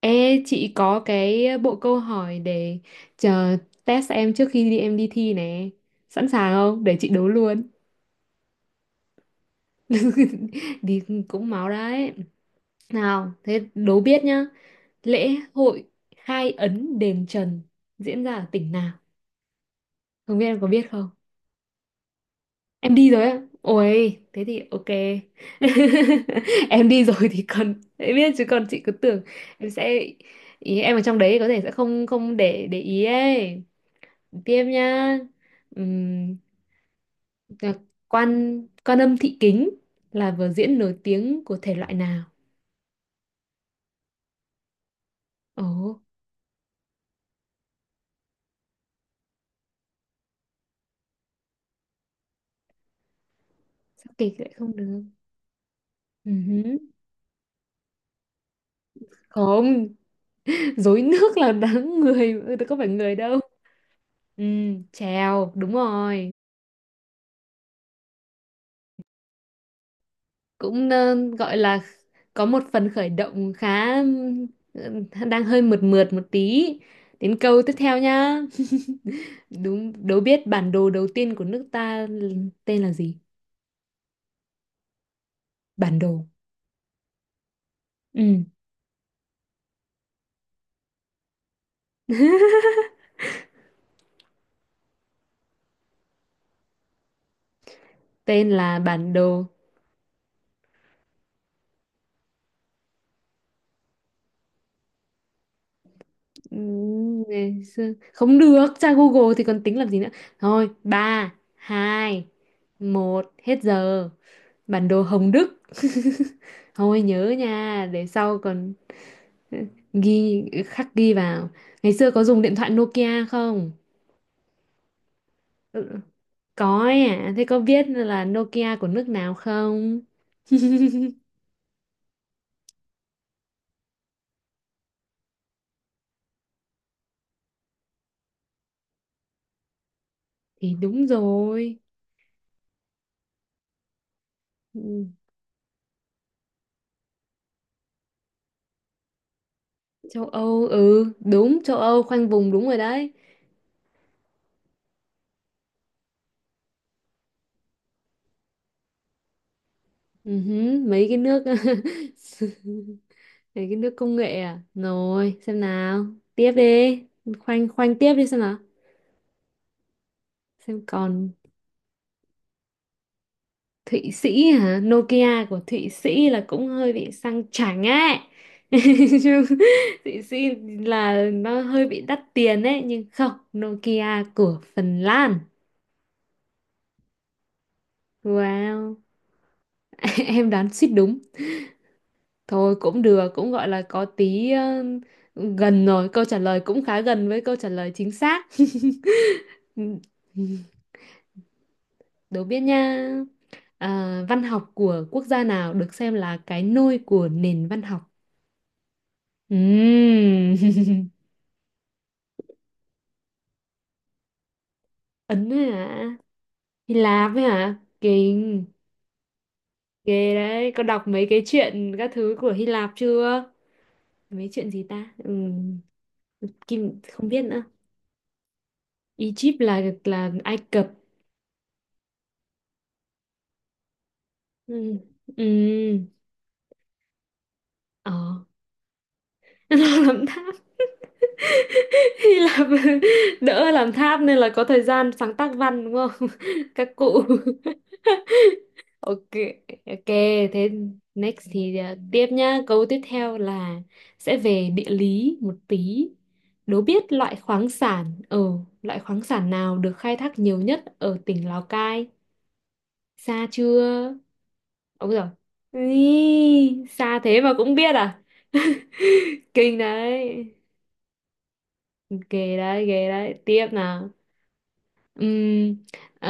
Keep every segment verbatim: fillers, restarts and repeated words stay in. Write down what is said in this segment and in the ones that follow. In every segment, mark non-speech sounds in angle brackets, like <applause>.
Ê, chị có cái bộ câu hỏi để chờ test em trước khi đi em đi thi nè. Sẵn sàng không? Để chị đố luôn. <laughs> Đi cũng máu đấy. Nào, thế đố biết nhá. Lễ hội khai ấn đền Trần diễn ra ở tỉnh nào? Không biết em có biết không? Em đi rồi á. Ôi, thế thì ok. <laughs> Em đi rồi thì còn em biết chứ còn chị cứ tưởng em sẽ ý em ở trong đấy có thể sẽ không không để để ý ấy. Tiếp nhá. Ừm, là quan quan Âm Thị Kính là vở diễn nổi tiếng của thể loại nào? Ồ. Sao kịch lại không được? Ừ hứ. Không. <laughs> Rối nước là đáng người, ừ, có phải người đâu. Ừ, chèo đúng rồi. Cũng ờ, gọi là có một phần khởi động khá, ừ, đang hơi mượt mượt một tí. Đến câu tiếp theo nhá. Đúng. Đố biết bản đồ đầu tiên của nước ta tên là gì? Bản đồ. Ừ. <laughs> Tên là bản đồ. Ừm, ngày xưa. Không được, tra Google thì còn tính làm gì nữa. Thôi, ba hai một hết giờ. Bản đồ Hồng Đức. <laughs> Thôi nhớ nha, để sau còn ừ, ghi khắc ghi vào. Ngày xưa có dùng điện thoại Nokia không? Ừ. Có ấy à, thế có biết là Nokia của nước nào không? <laughs> Thì đúng rồi. Ừ. Châu Âu, ừ, đúng, châu Âu khoanh vùng đúng rồi đấy. Ừ hứ, mấy cái nước. <laughs> Mấy cái nước công nghệ à. Rồi xem nào. Tiếp đi. Khoanh khoanh tiếp đi, xem nào, xem còn. Thụy Sĩ hả? Nokia của Thụy Sĩ là cũng hơi bị sang chảnh ấy. <laughs> Chứ Thụy Sĩ là nó hơi bị đắt tiền ấy, nhưng không. Nokia của Phần Lan. Wow. <laughs> Em đoán suýt đúng. Thôi cũng được, cũng gọi là có tí ờ, gần rồi, câu trả lời cũng khá gần với câu trả lời chính xác. <laughs> Đố biết nha. À, văn học của quốc gia nào được xem là cái nôi của nền văn học? Ừm. <laughs> Ấn ấy hả? Hy Lạp ấy hả? Kinh. Ghê đấy, có đọc mấy cái chuyện các thứ của Hy Lạp chưa? Mấy chuyện gì ta? Ừm, Kim không biết nữa. Egypt là là Ai Cập. Ừ. Ừ. Ờ. Lo làm tháp. <laughs> Hy Lạp <laughs> đỡ làm tháp nên là có thời gian sáng tác văn đúng không, <laughs> các cụ. Ok, ok. Thế next thì à, tiếp nhá, câu tiếp theo là sẽ về địa lý một tí. Đố biết loại khoáng sản ở loại khoáng sản nào được khai thác nhiều nhất ở tỉnh Lào Cai. Xa chưa. Ông rồi. Ý, xa thế mà cũng biết à. <laughs> Kinh đấy, ghê đấy, ghê đấy. Tiếp nào. Ừm, à,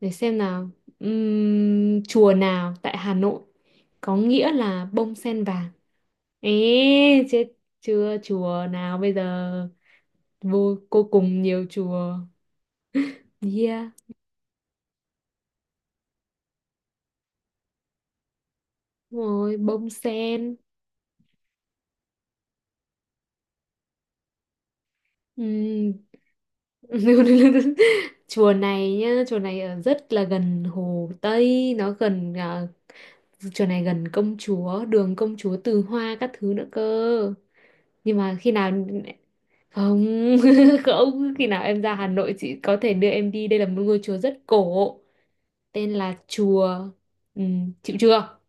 để xem nào. Ừm, chùa nào tại Hà Nội có nghĩa là bông sen vàng? Ê, chết chưa, chùa nào bây giờ? Vô cô cùng nhiều chùa. Yeah. Đúng rồi, bông sen. Ừm. <laughs> Chùa này nhá, chùa này ở rất là gần Hồ Tây, nó gần à, chùa này gần công chúa, đường công chúa Từ Hoa các thứ nữa cơ. Nhưng mà khi nào. Không. <laughs> Không, khi nào em ra Hà Nội chị có thể đưa em đi, đây là một ngôi chùa rất cổ. Tên là chùa. Ừm, chịu chưa.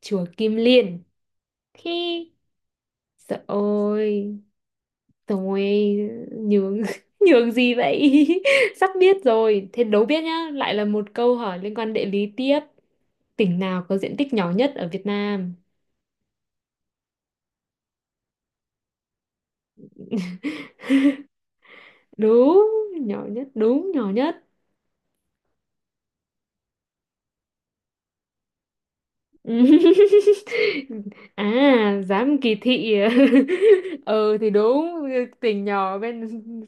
Chùa Kim Liên. khi Sợ ôi. Rồi. Nhường. <laughs> Nhường gì vậy? <laughs> Sắp biết rồi. Thế đố biết nhá, lại là một câu hỏi liên quan địa lý tiếp. Tỉnh nào có diện tích nhỏ nhất ở Việt Nam? <laughs> Đúng, nhỏ nhất, đúng nhỏ nhất. <laughs> À, dám kỳ thị à? <laughs> Ờ thì đúng, tỉnh nhỏ bên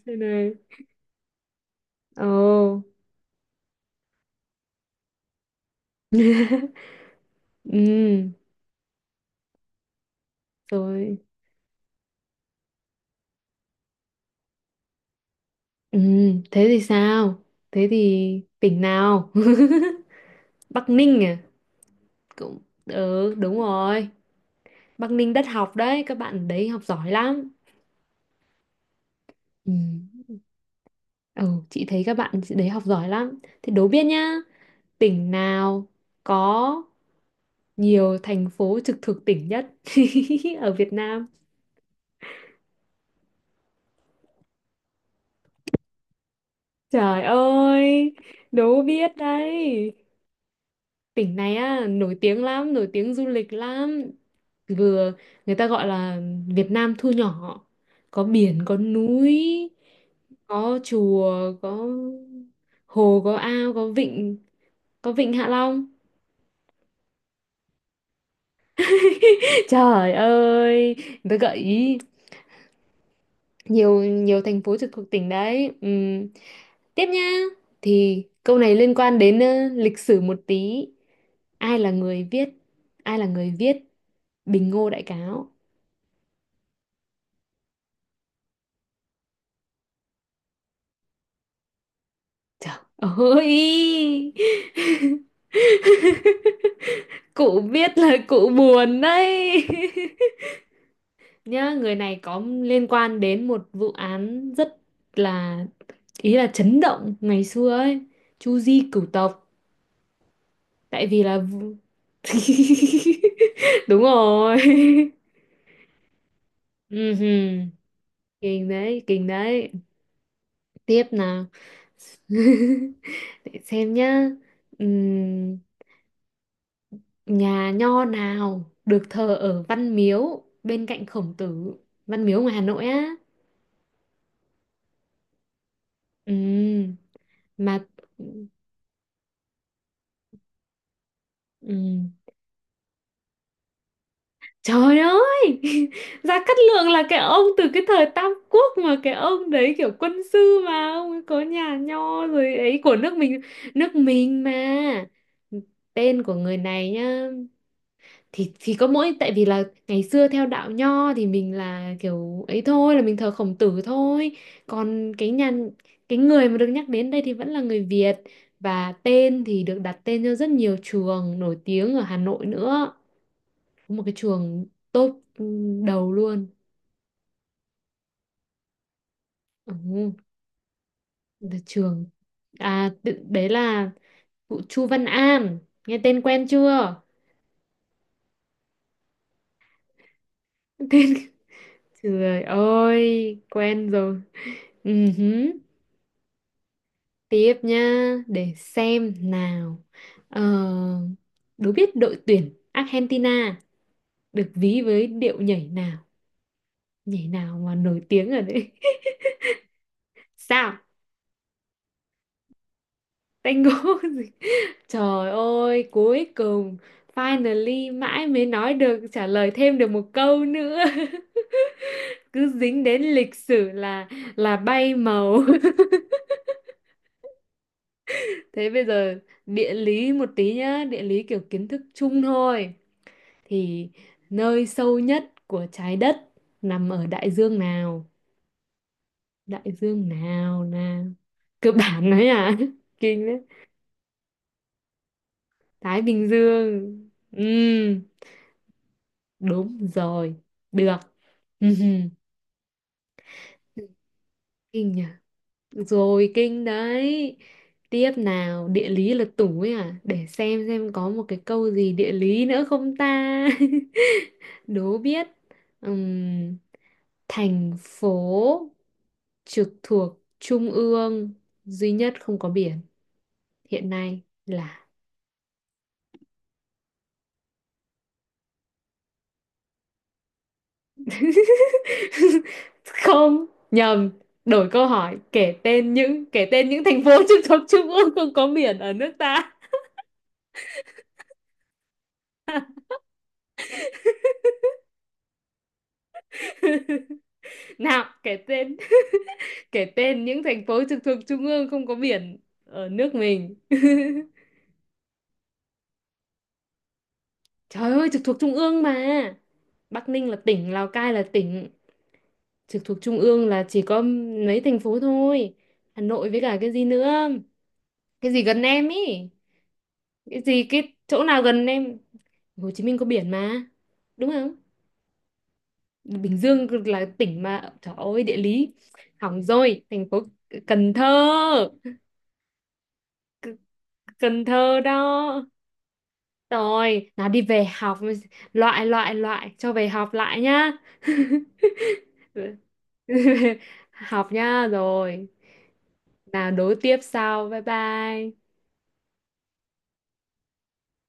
đây này. Ồ. <laughs> Ừ, rồi. Ừ, thế thì sao? Thế thì tỉnh nào? <laughs> Bắc Ninh à? Cũng, ừ, đúng rồi. Bắc Ninh đất học đấy, các bạn đấy học giỏi lắm. Ừ. Ừ, chị thấy các bạn đấy học giỏi lắm. Thế đố biết nhá, tỉnh nào có nhiều thành phố trực thuộc tỉnh nhất <laughs> ở Việt Nam? Trời ơi, đố biết đấy, tỉnh này á nổi tiếng lắm, nổi tiếng du lịch lắm. Vừa người ta gọi là Việt Nam thu nhỏ, có biển có núi có chùa có hồ có ao có vịnh, có vịnh Hạ Long. <laughs> Trời ơi, người ta gợi ý nhiều, nhiều thành phố trực thuộc tỉnh đấy. Ừm, tiếp nha. Thì câu này liên quan đến ờ, lịch sử một tí. Ai là người viết ai là người viết Bình Ngô Đại Cáo? Trời ơi. <laughs> Cụ biết là cụ buồn đấy. <laughs> Nhá, người này có liên quan đến một vụ án rất là, ý là chấn động ngày xưa ấy, Chu Di cửu tộc, tại vì là vụ- <laughs> đúng rồi. <laughs> Ừhừm, kinh đấy, kinh đấy. Tiếp nào. <laughs> Để xem nhá. Ừm, nhà nho nào được thờ ở Văn Miếu bên cạnh Khổng Tử? Văn Miếu ngoài Hà Nội á. Ừ. Mà. Ừ. Trời ơi. <laughs> Gia Cát Lượng là cái ông từ cái thời Tam Quốc mà, cái ông đấy kiểu quân sư mà, ông ấy có nhà nho rồi ấy của nước mình. Nước mình mà. Tên của người này nhá. Thì thì có mỗi tại vì là ngày xưa theo đạo nho thì mình là kiểu ấy thôi, là mình thờ Khổng Tử thôi. Còn cái nhà cái người mà được nhắc đến đây thì vẫn là người Việt, và tên thì được đặt tên cho rất nhiều trường nổi tiếng ở Hà Nội nữa, một cái trường top đầu luôn. Ừ. Là trường. À tự- đấy là vụ Chu Văn An, nghe tên quen chưa? <laughs> Tên, trời ơi, quen rồi. Ừ, hứ. Tiếp nha, để xem nào. Ờ, đố biết đội tuyển Argentina được ví với điệu nhảy nào, nhảy nào mà nổi tiếng ở đấy. <laughs> Sao? Tango. <laughs> Trời ơi, cuối cùng finally mãi mới nói được trả lời thêm được một câu nữa. <laughs> Cứ dính đến lịch sử là là bay màu. <laughs> Thế bây giờ địa lý một tí nhá, địa lý kiểu kiến thức chung thôi. Thì nơi sâu nhất của trái đất nằm ở đại dương nào? Đại dương nào nào? Cơ bản đấy à? <laughs> Kinh đấy. Thái Bình Dương. Ừ, đúng rồi. Được. <laughs> Kinh nhỉ? Rồi kinh đấy. Tiếp nào, địa lý là tủ ấy à? Để xem xem có một cái câu gì địa lý nữa không ta. <laughs> Đố biết. Ừm, thành phố trực thuộc trung ương duy nhất không có biển hiện nay là. <laughs> Không nhầm, đổi câu hỏi, kể tên những kể tên những thành phố <laughs> trực thuộc trung ương không có biển ở nước ta. <laughs> Nào, kể tên kể tên những thành phố trực thuộc trung ương không có biển ở nước mình. <laughs> Trời ơi, trực thuộc trung ương mà. Bắc Ninh là tỉnh, Lào Cai là tỉnh, trực thuộc trung ương là chỉ có mấy thành phố thôi. Hà Nội với cả cái gì nữa, cái gì gần em ý, cái gì, cái chỗ nào gần em? Hồ Chí Minh có biển mà, đúng không? Bình Dương là tỉnh mà, trời ơi, địa lý hỏng rồi. Thành phố Cần Thơ. Cần Thơ đó. Rồi, nào đi về học. Loại, loại, loại, cho về học lại nhá. <laughs> Học nhá rồi. Nào đối tiếp sau. Bye bye.